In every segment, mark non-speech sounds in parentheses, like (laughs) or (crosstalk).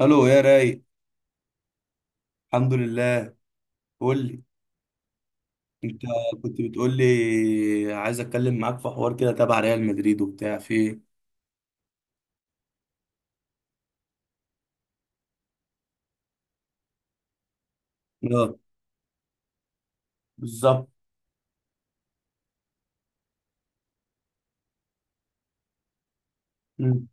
الو يا راي، الحمد لله. قول لي، انت كنت بتقول لي عايز اتكلم معاك في حوار كده تبع ريال مدريد وبتاع في ايه؟ اه، بالظبط. مم.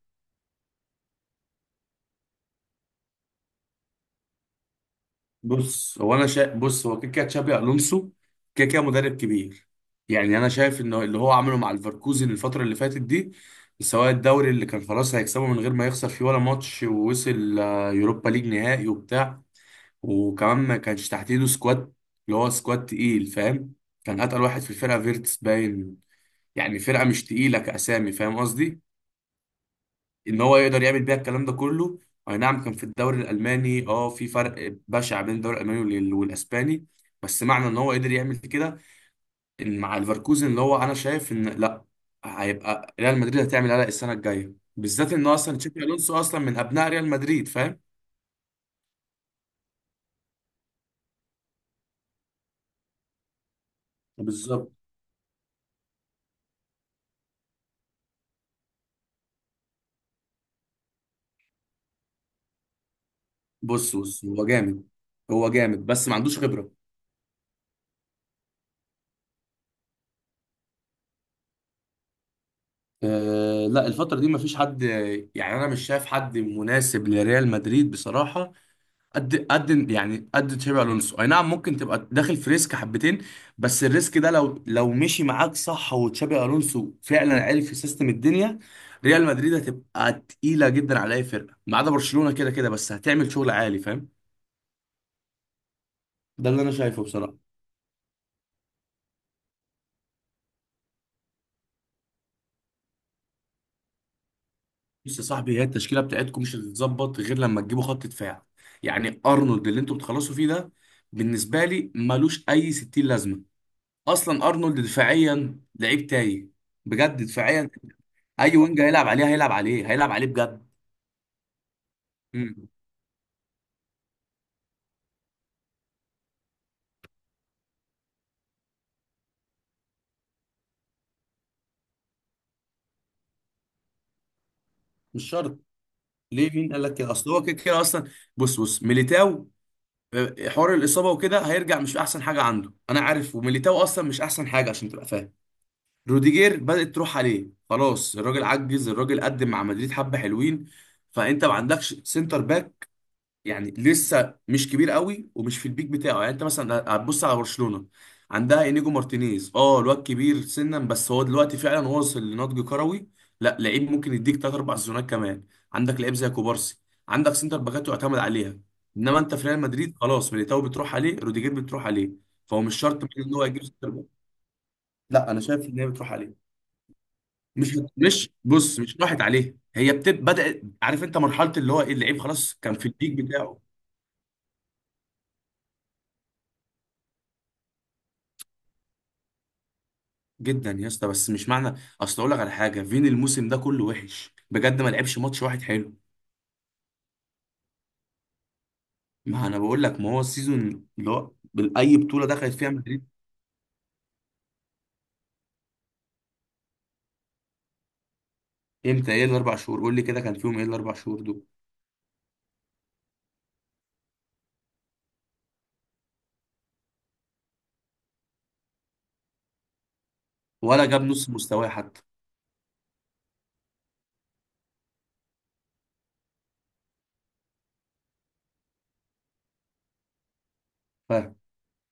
بص هو كده كده تشابي الونسو، كده كده مدرب كبير. يعني انا شايف انه اللي هو عمله مع الفركوزن الفتره اللي فاتت دي، سواء الدوري اللي كان خلاص هيكسبه من غير ما يخسر فيه ولا ماتش، ووصل يوروبا ليج نهائي وبتاع، وكمان ما كانش تحت ايده سكواد، اللي هو سكواد تقيل فاهم. كان اتقل واحد في الفرقه فيرتس باين، يعني فرقه مش تقيله كاسامي فاهم قصدي، ان هو يقدر يعمل بيها الكلام ده كله. اي نعم كان في الدوري الالماني، اه في فرق بشع بين الدوري الالماني والاسباني، بس معنى ان هو قدر يعمل كده، ان مع ليفركوزن اللي هو انا شايف ان لا، هيبقى ريال مدريد هتعمل قلق السنه الجايه، بالذات ان اصلا تشابي الونسو اصلا من ابناء ريال مدريد فاهم. بالظبط. بص هو جامد، هو جامد بس ما عندوش خبره. آه لا، الفترة دي مفيش حد، يعني أنا مش شايف حد مناسب لريال مدريد بصراحة. قد قد يعني قد تشابي الونسو اي نعم ممكن تبقى داخل في ريسك حبتين، بس الريسك ده لو مشي معاك صح وتشابي الونسو فعلا عرف في سيستم الدنيا، ريال مدريد هتبقى تقيله جدا على اي فرقه ما عدا برشلونه، كده كده بس هتعمل شغل عالي فاهم. ده اللي انا شايفه بصراحه. بص يا صاحبي، هي التشكيله بتاعتكم مش هتتظبط غير لما تجيبوا خط دفاع، يعني ارنولد اللي انتوا بتخلصوا فيه ده، بالنسبه لي ملوش اي 60 لازمه، اصلا ارنولد دفاعيا لعيب تايه، بجد دفاعيا، اي وينج هيلعب عليه هيلعب عليه هيلعب عليه بجد. امم. مش شرط. ليه، مين قال لك كده، اصل هو كده كده اصلا. بص ميليتاو، حوار الاصابه وكده هيرجع، مش احسن حاجه عنده انا عارف، وميليتاو اصلا مش احسن حاجه عشان تبقى فاهم. روديجير بدات تروح عليه خلاص، الراجل عجز، الراجل قدم مع مدريد حبه حلوين، فانت ما عندكش سنتر باك. يعني لسه مش كبير قوي ومش في البيك بتاعه، يعني انت مثلا هتبص على برشلونة، عندها انيجو مارتينيز، اه الواد كبير سنا بس هو دلوقتي فعلا واصل لنضج كروي، لا لعيب ممكن يديك تلات اربع سيزونات كمان، عندك لعيب زي كوبارسي، عندك سنتر باكات يعتمد عليها. انما انت في ريال مدريد خلاص، ميليتاو بتروح عليه، روديجير بتروح عليه، فهو مش شرط ان هو يجيب سنتر باك. لا انا شايف ان هي بتروح عليه. مش مش بص، مش راحت عليه، هي بتب بدأت، عارف انت مرحلة اللي هو ايه اللعيب خلاص كان في البيك بتاعه. جدا يا اسطى، بس مش معنى، اصل اقول لك على حاجه، فين الموسم ده كله وحش بجد ما لعبش ماتش واحد حلو. ما انا بقول لك ما هو السيزون اللي هو اي بطوله دخلت فيها مدريد. امتى، ايه الاربع شهور، قول لي كده كان فيهم ايه الاربع شهور دول. ولا جاب نص مستواه حتى.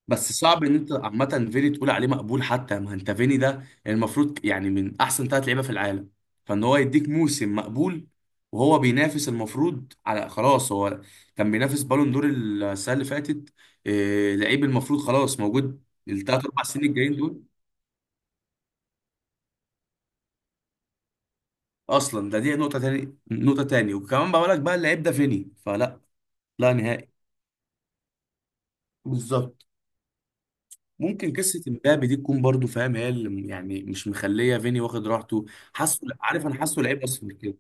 بس صعب ان انت عامه فيني تقول عليه مقبول حتى، ما انت فيني ده، يعني المفروض يعني من احسن ثلاث لعيبه في العالم، فان هو يديك موسم مقبول، وهو بينافس المفروض على خلاص هو، كان بينافس بالون دور السنه اللي فاتت، إيه لعيب المفروض خلاص موجود الثلاث اربع سنين الجايين دول. اصلا ده دي نقطه تاني، نقطه تاني، وكمان بقول لك بقى اللعيب ده فيني فلا. لا نهائي. بالظبط. ممكن قصه امبابي دي تكون برضو فاهم، هي اللي يعني مش مخليه فيني واخد راحته. حاسه عارف انا حاسه لعيب اصلا كده.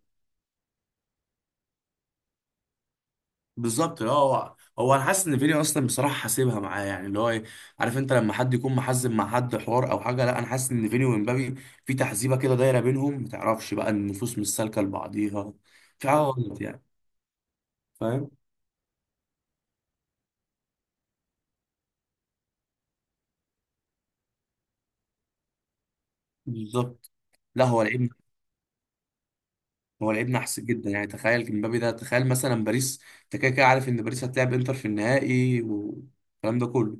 بالظبط اه، هو انا حاسس ان فيني اصلا بصراحه حاسبها معاه يعني اللي هو ايه، عارف انت لما حد يكون محزب مع حد حوار او حاجه، لا انا حاسس ان فيني وامبابي في تحزيبه كده دايره بينهم، ما تعرفش بقى النفوس مش سالكه لبعضيها، في حاجه غلط يعني فاهم. بالظبط. لا هو لعيب، هو لعيب نحس جدا، يعني تخيل امبابي ده، تخيل مثلا باريس، انت كده كده عارف ان باريس هتلعب انتر في النهائي والكلام ده كله.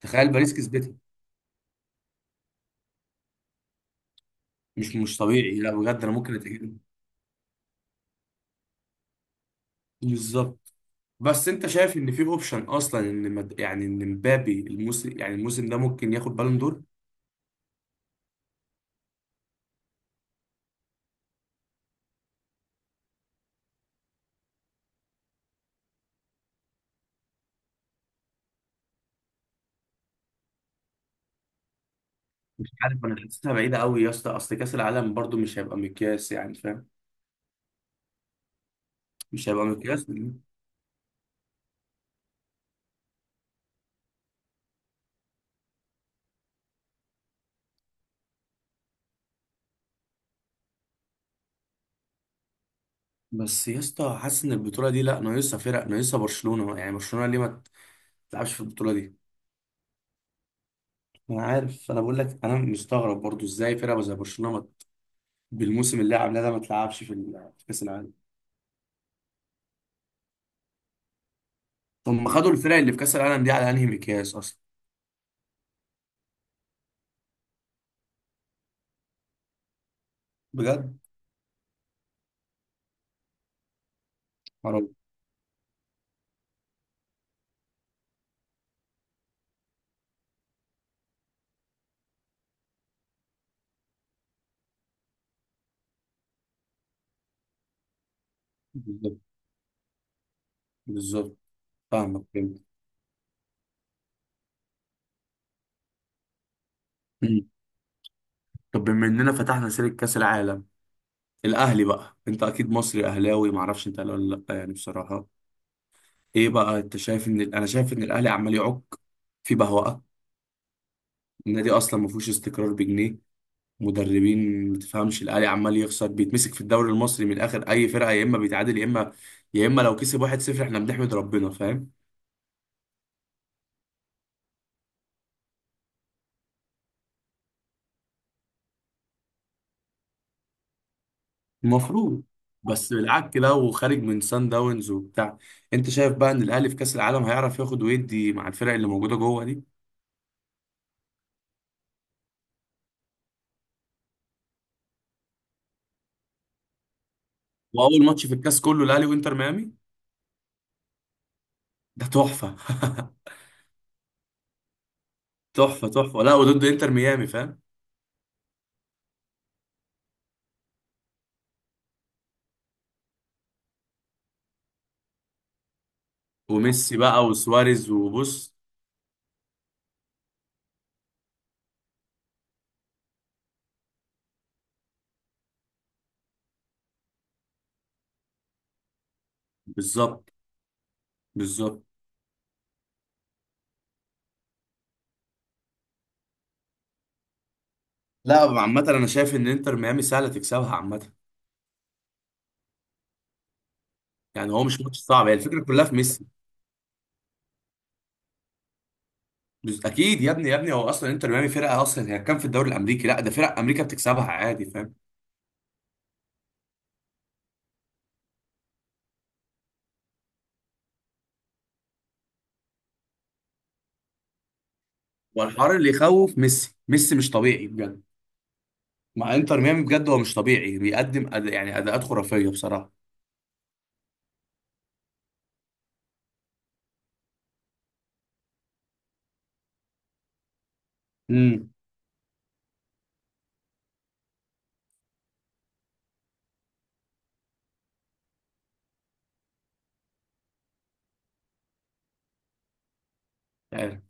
تخيل باريس كسبتها. مش طبيعي، لا بجد انا ممكن اتأكد. بالظبط. بس انت شايف ان في اوبشن اصلا ان يعني ان مبابي الموسم، يعني الموسم ده ممكن ياخد بالون دور. مش عارف، انا حاسسها بعيده قوي يا اسطى، اصل كاس العالم برضو مش هيبقى مقياس يعني فاهم، مش هيبقى مقياس. بس يا اسطى حاسس ان البطوله دي لا ناقصها فرق، ناقصها برشلونه، يعني برشلونه ليه ما تلعبش في البطوله دي. انا عارف انا بقول لك انا مستغرب برضو ازاي فرقه زي برشلونه بالموسم اللي عاملاه ده ما تلعبش في في كاس العالم. هم خدوا الفرق اللي في كاس العالم دي على انهي مقياس اصلا، بجد معرفش. بالظبط. بالظبط. فاهمك، فهمت. مم. طب بما اننا فتحنا سيره كاس العالم، الاهلي بقى، انت اكيد مصري اهلاوي ما اعرفش انت اهلاوي ولا لا يعني بصراحه. ايه بقى انت شايف ان انا شايف ان الاهلي عمال يعك في بهوأة، النادي اصلا ما فيهوش استقرار بجنيه، مدربين ما تفهمش، الاهلي عمال يخسر بيتمسك في الدوري المصري من الاخر اي فرقه، يا اما بيتعادل يا اما، يا اما لو كسب 1-0 احنا بنحمد ربنا فاهم. المفروض. بس بالعك كده وخارج من سان داونز وبتاع، انت شايف بقى ان الاهلي في كاس العالم هيعرف ياخد ويدي مع الفرق اللي موجوده جوه دي. واول ماتش في الكاس كله الاهلي وانتر ميامي، ده تحفه. (laughs) تحفه تحفه، لا وضد انتر ميامي فاهم، وميسي بقى وسواريز وبص. بالظبط. بالظبط. لا عامه انا شايف ان انتر ميامي سهله تكسبها عامه. يعني هو مش ماتش صعب، هي الفكره كلها في ميسي، اكيد يا ابني يا ابني هو اصلا انتر ميامي فرقه، اصلا هي كان في الدوري الامريكي، لا ده فرق امريكا بتكسبها عادي فاهم. والحوار اللي يخوف ميسي، ميسي مش طبيعي بجد، مع انتر ميامي بجد، هو مش طبيعي بيقدم يعني اداءات خرافيه بصراحه. امم. يعني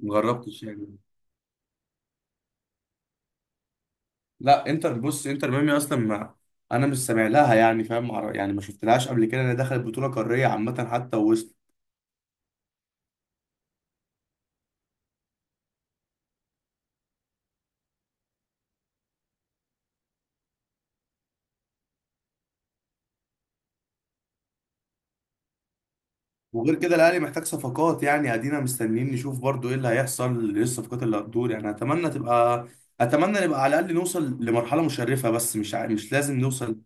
مجربتش يعني. لا انتر، بص انتر ميامي اصلا ما، انا مش سامع لها يعني فاهم يعني ما شفتلهاش قبل كده، انا دخلت بطوله قاريه عامه حتى ووصل. وغير كده الاهلي محتاج صفقات، يعني ادينا مستنيين نشوف برضو ايه اللي هيحصل، ايه الصفقات اللي هتدور، يعني اتمنى تبقى، اتمنى نبقى على الاقل نوصل لمرحله مشرفه، بس مش مش لازم نوصل.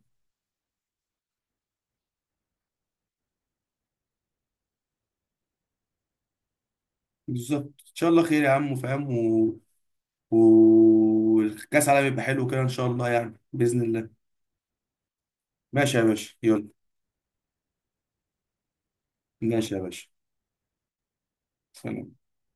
بالظبط. ان شاء الله خير يا عم فاهم. والكاس العالم يبقى حلو كده ان شاء الله يعني باذن الله. ماشي يا باشا يلا. ماشي يا باشا. سلام.